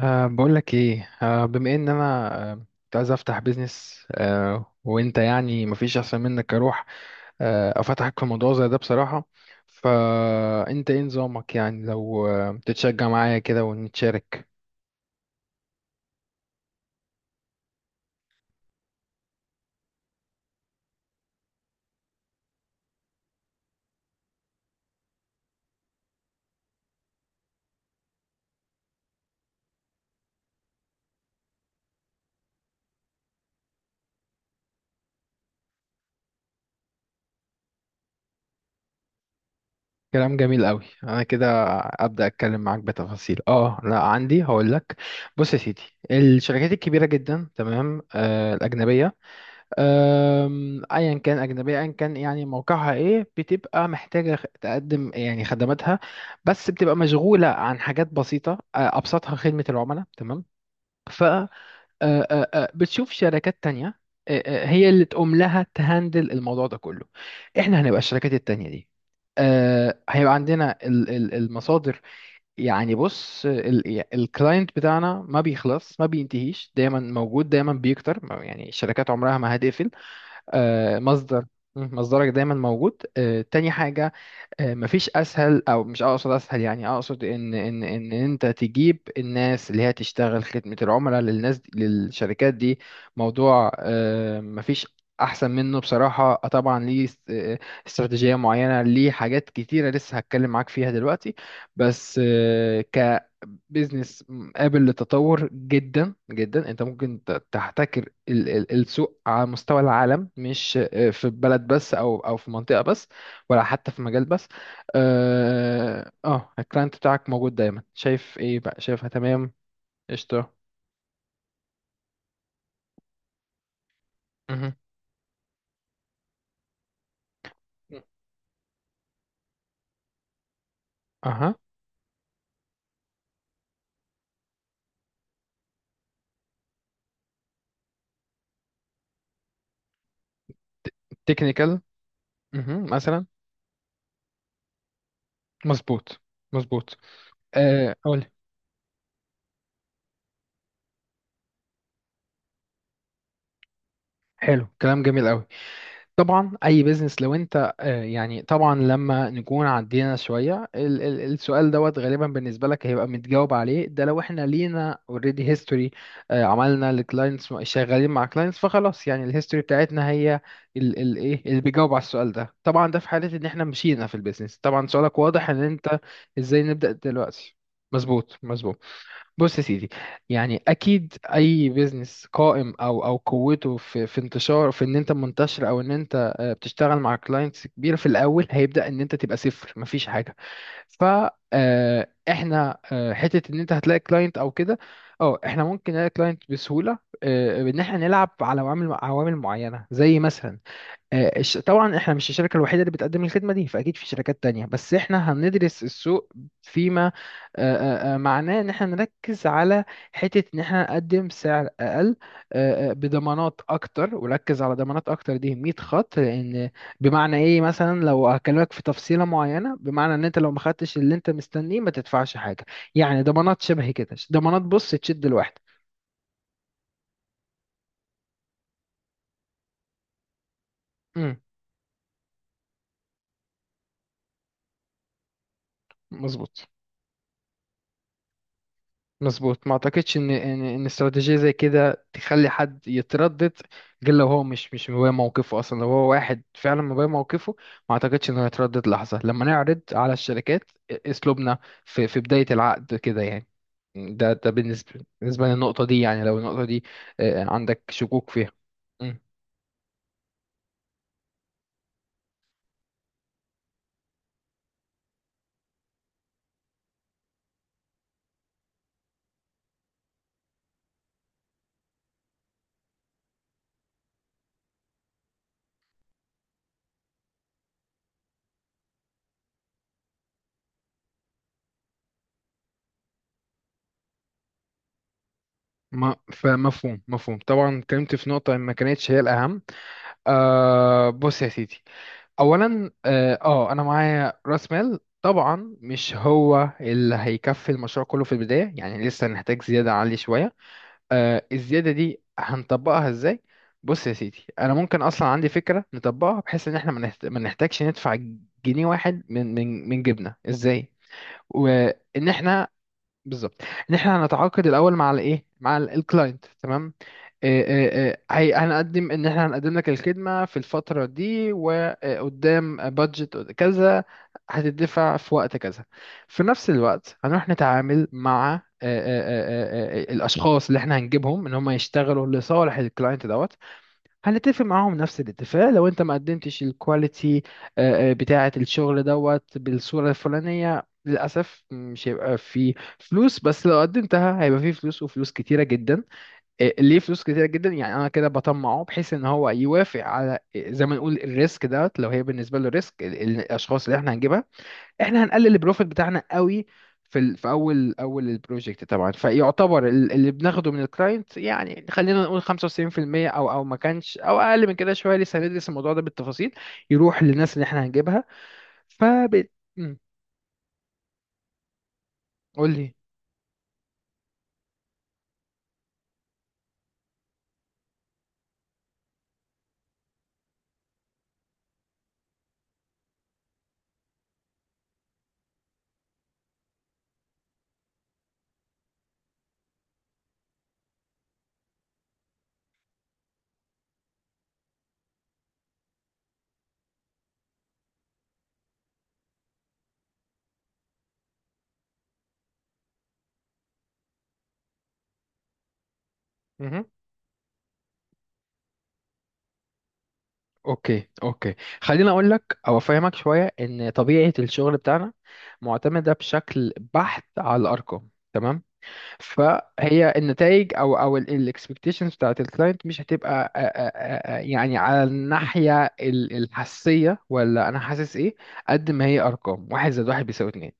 بقول لك ايه، بما ان انا كنت عايز افتح بيزنس، وانت يعني مفيش احسن منك اروح افتحك في موضوع زي ده بصراحة. فانت ايه نظامك؟ يعني لو تتشجع معايا كده ونتشارك. كلام جميل قوي. انا كده ابدا اتكلم معاك بتفاصيل. اه لا عندي، هقول لك. بص يا سيدي، الشركات الكبيرة جدا، تمام، الاجنبية. ايا كان اجنبيه ايا كان، يعني موقعها ايه؟ بتبقى محتاجه تقدم يعني خدماتها. بس بتبقى مشغوله عن حاجات بسيطه. ابسطها خدمه العملاء، تمام. ف أه، أه، أه، بتشوف شركات تانية أه، هي اللي تقوم لها تهندل الموضوع ده كله. احنا هنبقى الشركات التانية دي. هيبقى عندنا المصادر. يعني بص، الكلاينت بتاعنا ما بيخلص، ما بينتهيش، دايما موجود، دايما بيكتر، يعني الشركات عمرها ما هتقفل. مصدر، مصدرك دايما موجود. تاني حاجة، مفيش اسهل، او مش اقصد اسهل، يعني اقصد ان انت تجيب الناس اللي هي تشتغل خدمة العملاء للناس دي، للشركات دي. موضوع مفيش احسن منه بصراحة. طبعا ليه استراتيجية معينة، ليه حاجات كتيرة لسه هتكلم معاك فيها دلوقتي، بس بيزنس قابل للتطور جدا جدا. انت ممكن تحتكر السوق على مستوى العالم، مش في بلد بس، او في منطقة بس، ولا حتى في مجال بس. الكلاينت بتاعك موجود دايما. شايف ايه بقى؟ شايفها تمام؟ قشطة. مهم. اها. تكنيكال. مثلا. مظبوط، مظبوط. قولي. حلو، كلام جميل قوي. طبعا اي بيزنس، لو انت يعني طبعا لما نكون عدينا شويه ال ال السؤال دوت، غالبا بالنسبه لك هيبقى متجاوب عليه، ده لو احنا لينا اوريدي هيستوري، عملنا لكلاينتس، شغالين مع كلاينتس، فخلاص يعني الهيستوري بتاعتنا هي ال ال ايه اللي بيجاوب على السؤال ده. طبعا ده في حاله ان احنا مشينا في البيزنس. طبعا سؤالك واضح ان انت ازاي نبدا دلوقتي. مظبوط، مظبوط. بص يا سيدي، يعني اكيد اي بيزنس قائم، او قوته في انتشار، في ان انت منتشر، او ان انت بتشتغل مع كلاينتس كبيره. في الاول هيبدا ان انت تبقى صفر، مفيش حاجه. ف آه، احنا حته ان انت هتلاقي كلاينت او كده. اه، احنا ممكن نلاقي كلاينت بسهوله. ان احنا نلعب على عوامل معينه، زي مثلا طبعا احنا مش الشركة الوحيدة اللي بتقدم الخدمة دي، فأكيد في شركات تانية بس احنا هندرس السوق فيما آه، معناه ان احنا نركز على حتة ان احنا نقدم سعر أقل بضمانات أكتر. وركز على ضمانات أكتر دي 100 خط، لأن بمعنى ايه؟ مثلا لو هكلمك في تفصيلة معينة، بمعنى ان انت لو ما خدتش اللي انت مستنيه ما تدفعش حاجة. يعني ضمانات شبه كده، ضمانات بص تشد الواحد. مم، مظبوط، مظبوط. ما اعتقدش ان استراتيجيه زي كده تخلي حد يتردد، غير لو هو مش مبين موقفه اصلا. لو هو واحد فعلا مبين موقفه، ما اعتقدش انه يتردد لحظه لما نعرض على الشركات اسلوبنا في بدايه العقد كده يعني. ده بالنسبه للنقطه دي، يعني لو النقطه دي عندك شكوك فيها. مم. ما فمفهوم، مفهوم. طبعا اتكلمت في نقطة ما كانتش هي الأهم. بص يا سيدي، اولا انا معايا راس مال طبعا مش هو اللي هيكفي المشروع كله في البدايه، يعني لسه نحتاج زياده عاليه شويه. الزياده دي هنطبقها ازاي؟ بص يا سيدي، انا ممكن اصلا عندي فكره نطبقها بحيث ان احنا ما نحتاجش ندفع جنيه واحد من جيبنا. ازاي؟ وان احنا بالظبط، ان احنا هنتعاقد الاول مع الايه، مع الكلاينت تمام. هنقدم ان احنا هنقدم لك الخدمه في الفتره دي، وقدام بادجت كذا هتدفع في وقت كذا. في نفس الوقت هنروح نتعامل مع الاشخاص اللي احنا هنجيبهم ان هم يشتغلوا لصالح الكلاينت دوت. هنتفق معاهم نفس الاتفاق، لو انت ما قدمتش الكواليتي بتاعة الشغل دوت بالصورة الفلانية للأسف مش هيبقى في فلوس، بس لو قدمتها هيبقى في فلوس، وفلوس كتيرة جدا. ليه فلوس كتيرة جدا؟ يعني أنا كده بطمعه بحيث إن هو يوافق على زي ما نقول الريسك دوت. لو هي بالنسبة له ريسك الأشخاص اللي احنا هنجيبها، احنا هنقلل البروفيت بتاعنا قوي في في اول البروجكت طبعا. فيعتبر اللي بناخده من الكلاينت، يعني خلينا نقول 95%، او ما كانش، او اقل من كده شويه، لسه هندرس الموضوع ده بالتفاصيل، يروح للناس اللي احنا هنجيبها. فب مم. قول لي. مهم. اوكي، اوكي، خليني اقول لك او افهمك شويه ان طبيعه الشغل بتاعنا معتمده بشكل بحت على الارقام، تمام؟ فهي النتائج او الاكسبكتيشنز بتاعت الكلاينت مش هتبقى يعني على الناحيه الحسيه، ولا انا حاسس ايه. قد ما هي ارقام، واحد زائد واحد بيساوي اتنين.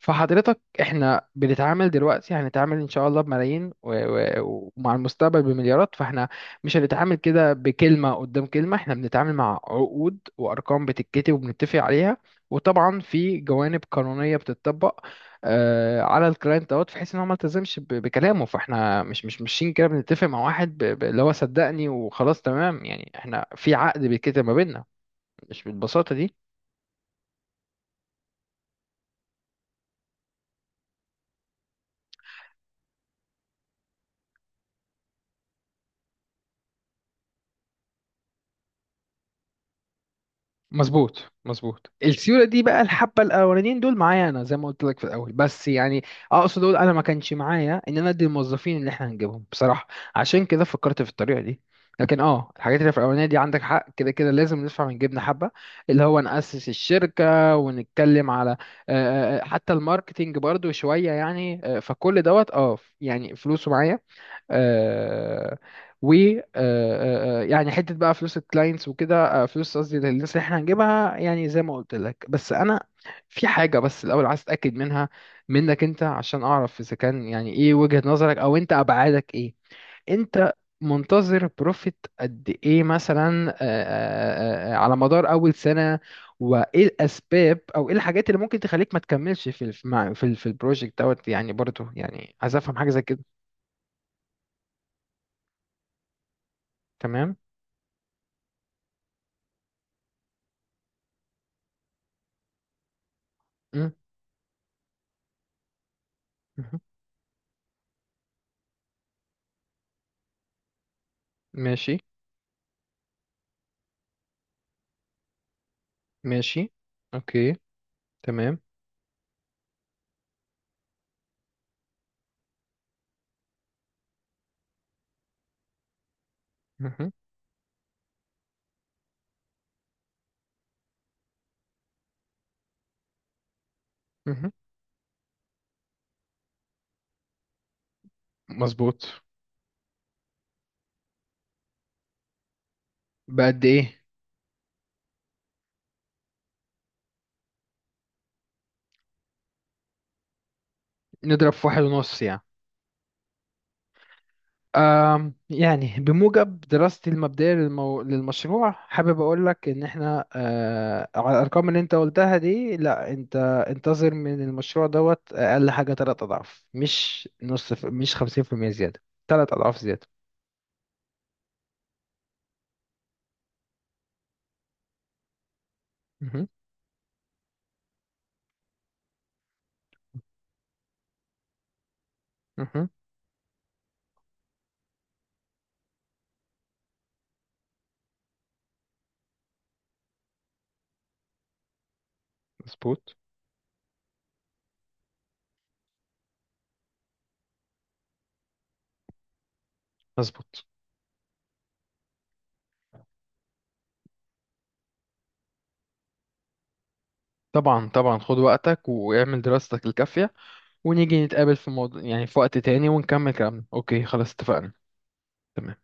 فحضرتك احنا بنتعامل دلوقتي، هنتعامل ان شاء الله بملايين ومع المستقبل بمليارات. فاحنا مش هنتعامل كده بكلمه قدام كلمه، احنا بنتعامل مع عقود وارقام بتتكتب وبنتفق عليها. وطبعا في جوانب قانونيه بتتطبق على الكلاينت دوت، بحيث ان هو ما التزمش بكلامه. فاحنا مش ماشيين كده بنتفق مع واحد اللي هو صدقني وخلاص، تمام يعني احنا في عقد بيتكتب ما بيننا، مش بالبساطه دي. مظبوط، مظبوط. السيوله دي بقى، الحبه الاولانيين دول معايا انا زي ما قلت لك في الاول، بس يعني اقصد اقول انا ما كانش معايا ان انا ادي الموظفين اللي احنا هنجيبهم بصراحه، عشان كده فكرت في الطريقه دي. لكن الحاجات اللي في الاولانيه دي عندك حق، كده كده لازم ندفع من جيبنا حبه اللي هو ناسس الشركه، ونتكلم على حتى الماركتينج برضو شويه يعني. فكل دوت يعني فلوسه معايا. آه و يعني حته بقى فلوس الكلاينتس وكده. فلوس قصدي للناس اللي احنا هنجيبها، يعني زي ما قلت لك. بس انا في حاجه بس الاول عايز اتاكد منها منك انت، عشان اعرف اذا كان يعني ايه وجهه نظرك، او انت ابعادك ايه. انت منتظر بروفيت قد ايه مثلا على مدار اول سنه؟ وايه الاسباب، او ايه الحاجات اللي ممكن تخليك ما تكملش في ال- مع- في ال- في البروجكت دوت؟ يعني برضه، يعني عايز افهم حاجه زي كده. تمام. مهم. ماشي. ماشي. اوكي. تمام. مهم. مهم. مظبوط. بقد ايه؟ نضرب في واحد ونص يعني؟ يعني بموجب دراستي المبدئية للمشروع، حابب أقول لك إن إحنا على الأرقام اللي أنت قلتها دي، لا أنت انتظر من المشروع دوت أقل حاجة تلات أضعاف، مش نص مش 50% زيادة. تلات أضعاف زيادة. مهم. مهم. مظبوط، مظبوط. طبعا، طبعا، خد وقتك واعمل دراستك الكافية، ونيجي نتقابل في موضوع يعني في وقت تاني ونكمل كلامنا. اوكي، خلاص، اتفقنا. تمام